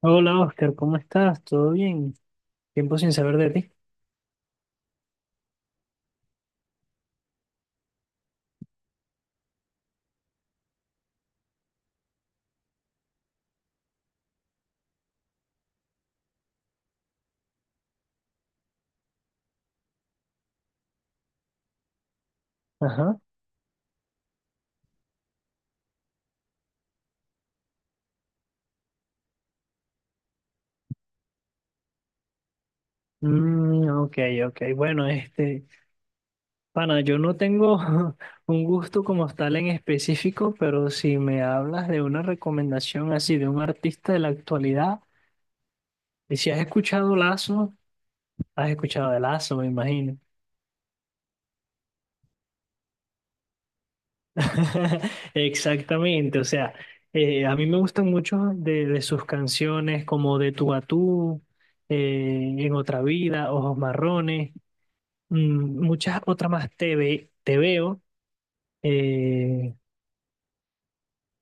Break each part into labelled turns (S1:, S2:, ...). S1: Hola Oscar, ¿cómo estás? ¿Todo bien? Tiempo sin saber de ti. Ajá. Mm, ok, ok. Bueno, pana, yo no tengo un gusto como tal en específico, pero si me hablas de una recomendación así de un artista de la actualidad, y si has escuchado Lazo, has escuchado de Lazo, me imagino. Exactamente, o sea, a mí me gustan mucho de sus canciones como De tú a tú, En otra vida, Ojos marrones. Muchas otras más te veo eh,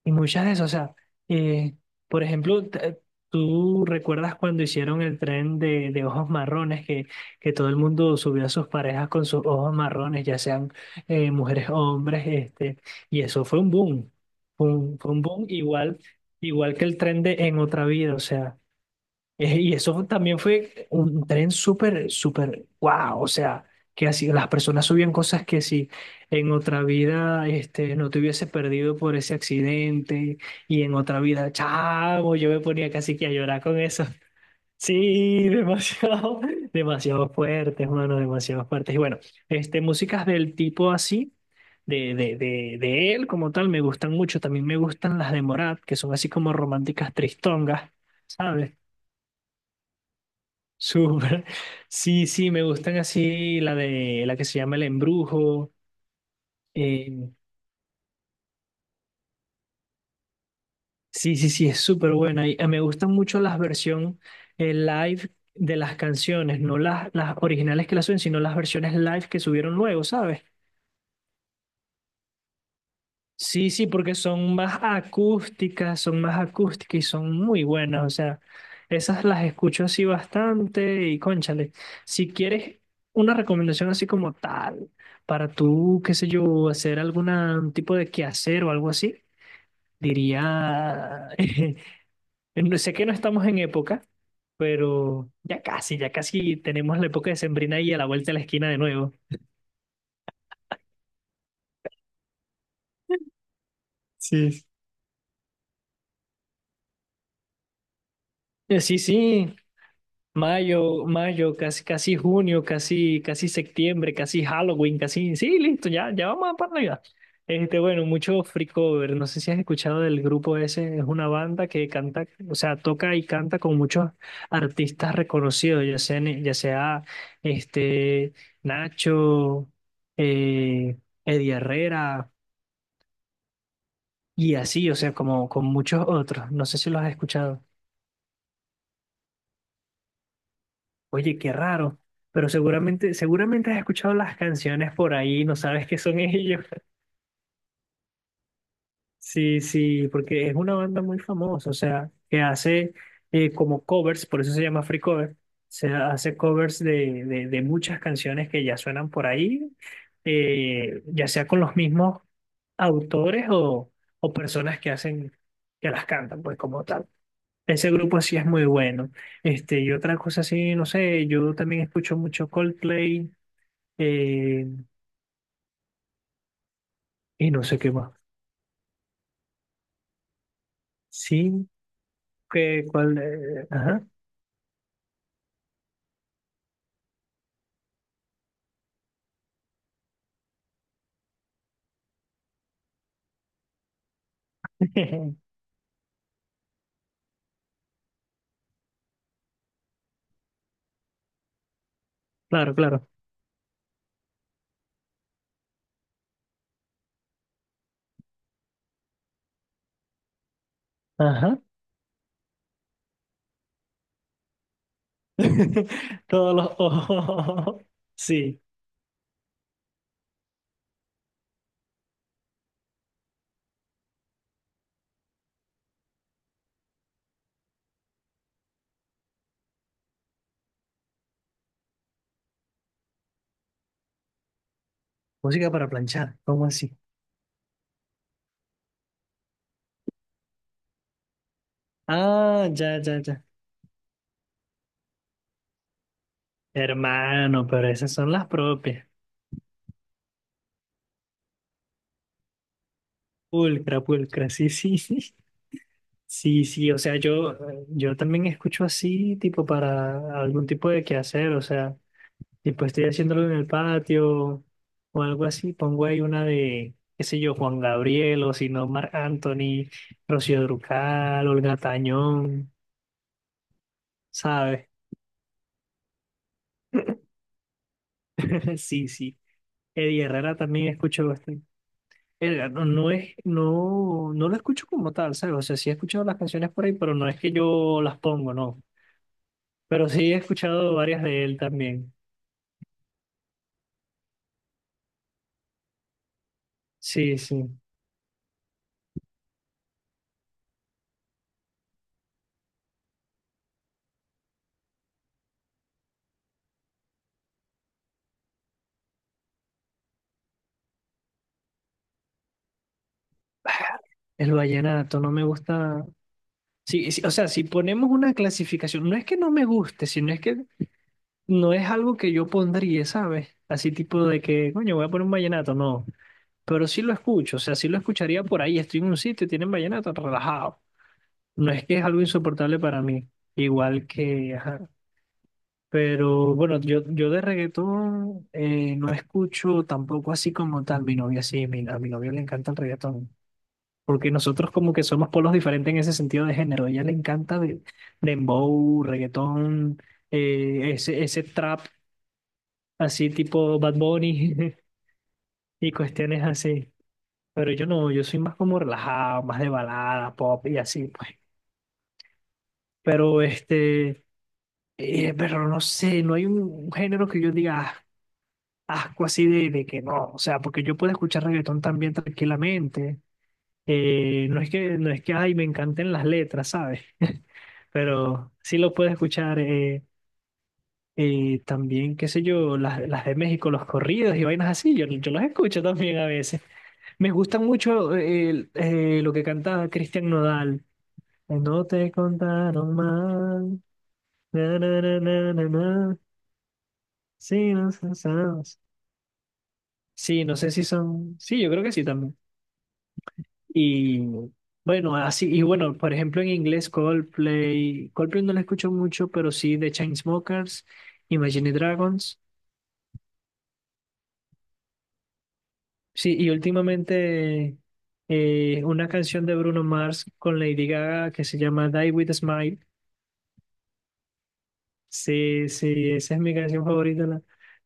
S1: y muchas de esas. O sea, eh, por ejemplo, tú recuerdas cuando hicieron el tren de ojos marrones que todo el mundo subió a sus parejas con sus ojos marrones, ya sean mujeres o hombres, y eso fue un boom. Fue un boom igual, igual que el tren de En Otra Vida. O sea, y también fue un tren súper, súper guau. O sea, que así las personas subían cosas que si en otra vida no te hubiese perdido por ese accidente y en otra vida, chavo, yo me ponía casi que a llorar con eso. Sí, demasiado, demasiado fuertes, mano, demasiado fuertes. Y bueno, músicas del tipo así, de él como tal, me gustan mucho. También me gustan las de Morat, que son así como románticas tristongas. ¿Sabes? Súper. Sí, sí, me gustan así la de la que se llama El Embrujo. eh, sí, sí, sí, es súper buena. Y, me gustan mucho las versiones live de las canciones, no las originales que las suben, sino las versiones live que subieron luego, ¿sabes? Sí, sí, porque son más acústicas y son muy buenas. O sea, esas las escucho así bastante y cónchale. Si quieres una recomendación así como tal, para tú, qué sé yo, hacer algún tipo de quehacer o algo así, diría, no sé que no estamos en época, pero ya casi tenemos la época de sembrina ahí a la vuelta de la esquina de nuevo. Sí. Sí, sí, mayo, mayo, casi, casi junio, casi, casi septiembre, casi Halloween, casi. Sí, listo, ya, ya vamos para Navidad. Bueno, mucho free cover. No sé si has escuchado del grupo ese. Es una banda que canta, o sea, toca y canta con muchos artistas reconocidos, ya sea este, Nacho, eh, Eddie Herrera y así, o sea, como con muchos otros. No sé si los has escuchado. Oye, qué raro, pero seguramente, seguramente has escuchado las canciones por ahí, no sabes qué son ellos. Sí, sí, porque es una banda muy famosa, o sea, que hace como covers, por eso se llama Free Cover, se hace covers de muchas canciones que ya suenan por ahí, ya sea con los mismos autores o personas que hacen, que las cantan, pues como tal. Ese grupo sí es muy bueno. Y otra cosa así, no sé, yo también escucho mucho Coldplay, Eh, y no sé qué más. Sí, que cuál. Ajá. Claro, claro. Ajá. Todos los ojos. Sí. Música para planchar. ¿Cómo así? Ah, ya, ya, ya. Hermano, pero esas son las propias. Pulcra, pulcra. Sí, sí, sí. Sí, sí. O sea, yo también escucho así, tipo, para algún tipo de quehacer. O sea. Y pues estoy haciéndolo en el patio o algo así, pongo ahí una de, qué sé yo, Juan Gabriel o si no, Marc Anthony, Rocío Drucal, Olga Tañón, ¿sabes? Sí, sí. Eddie Herrera también escucho bastante. Verga, no, no es, no, no lo escucho como tal, ¿sabes? O sea, sí he escuchado las canciones por ahí, pero no es que yo las pongo, no. Pero sí he escuchado varias de él también. Sí, sí. El vallenato no me gusta, sí, sí, o sea, si ponemos una clasificación, no es que no me guste, sino es que no es algo que yo pondría, ¿sabes? Así tipo de que, coño, voy a poner un vallenato, no. Pero sí lo escucho, o sea, sí lo escucharía por ahí, estoy en un sitio y tienen vallenato relajado. No es que es algo insoportable para mí, igual que, ajá. Pero bueno, yo de reggaetón no escucho tampoco así como tal. Mi novia sí, a mi novia le encanta el reggaetón porque nosotros como que somos polos diferentes en ese sentido de género. A ella le encanta dembow, reggaetón, ese trap así tipo Bad Bunny y cuestiones así. Pero yo no, yo soy más como relajado, más de balada, pop y así, pues. Pero este, pero no sé, no hay un género que yo diga "Ah, asco así de que no". O sea, porque yo puedo escuchar reggaetón también tranquilamente. No es que, ay, me encanten las letras, ¿sabes? Pero sí lo puedes escuchar también, qué sé yo, las de México, los corridos y vainas así, yo los escucho también a veces. Me gustan mucho lo que cantaba Cristian Nodal, no te contaron mal, na, na, na, na, na, na, sí, no sé, sabes. Sí, no sé si son, sí, yo creo que sí también. Y bueno, así, y bueno, por ejemplo en inglés Coldplay, no lo escucho mucho, pero sí de Chainsmokers. Imagine Dragons. Sí, y últimamente una canción de Bruno Mars con Lady Gaga que se llama Die With a Smile. Sí, sí, esa es mi canción favorita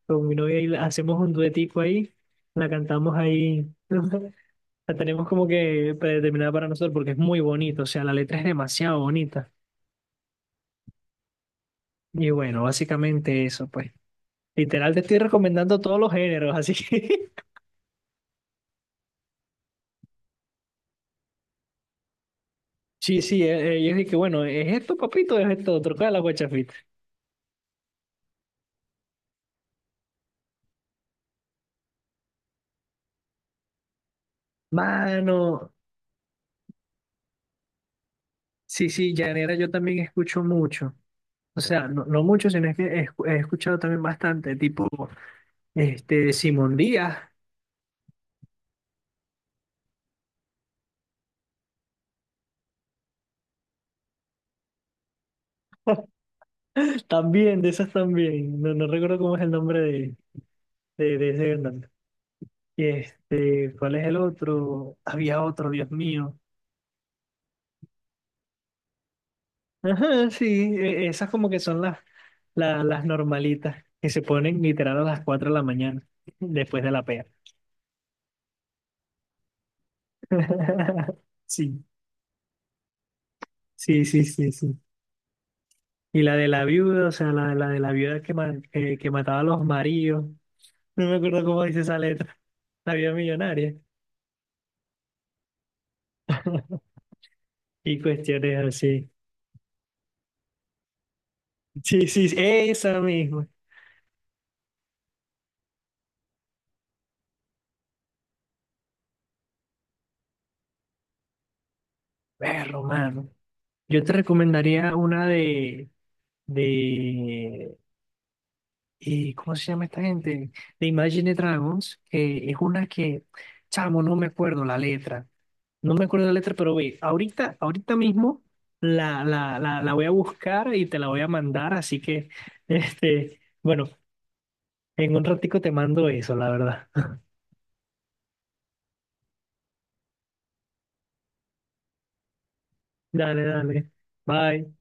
S1: con mi novia y hacemos un duetico ahí, la cantamos ahí, la tenemos como que predeterminada para nosotros porque es muy bonito, o sea, la letra es demasiado bonita. Y bueno, básicamente eso, pues. Literal, te estoy recomendando todos los géneros, así que... Sí, sí, yo dije que bueno, es esto, papito, es esto, otro, ¿cuál es la guachafita? Mano. Sí, sí, llanera yo también escucho mucho. O sea, no, no mucho, sino es que he escuchado también bastante, tipo este Simón Díaz, también, de esas también. No, no recuerdo cómo es el nombre de ese cantante. Y ¿cuál es el otro? Había otro, Dios mío. Ajá, sí, esas como que son las normalitas que se ponen literal a las 4 de la mañana, después de la pea. Sí, sí, sí, sí, sí. Y la de la viuda, o sea, la de la viuda que mataba a los maridos. No me acuerdo cómo dice esa letra. La viuda millonaria. Y cuestiones así. Sí, sí, sí, esa misma. Perro, mano. Yo te recomendaría una de, ¿cómo se llama esta gente? De Imagine Dragons, que es una que, chamo, no me acuerdo la letra. No me acuerdo la letra, pero güey, ahorita, ahorita mismo la voy a buscar y te la voy a mandar, así que, bueno, en un ratico te mando eso, la verdad. Dale, dale. Bye.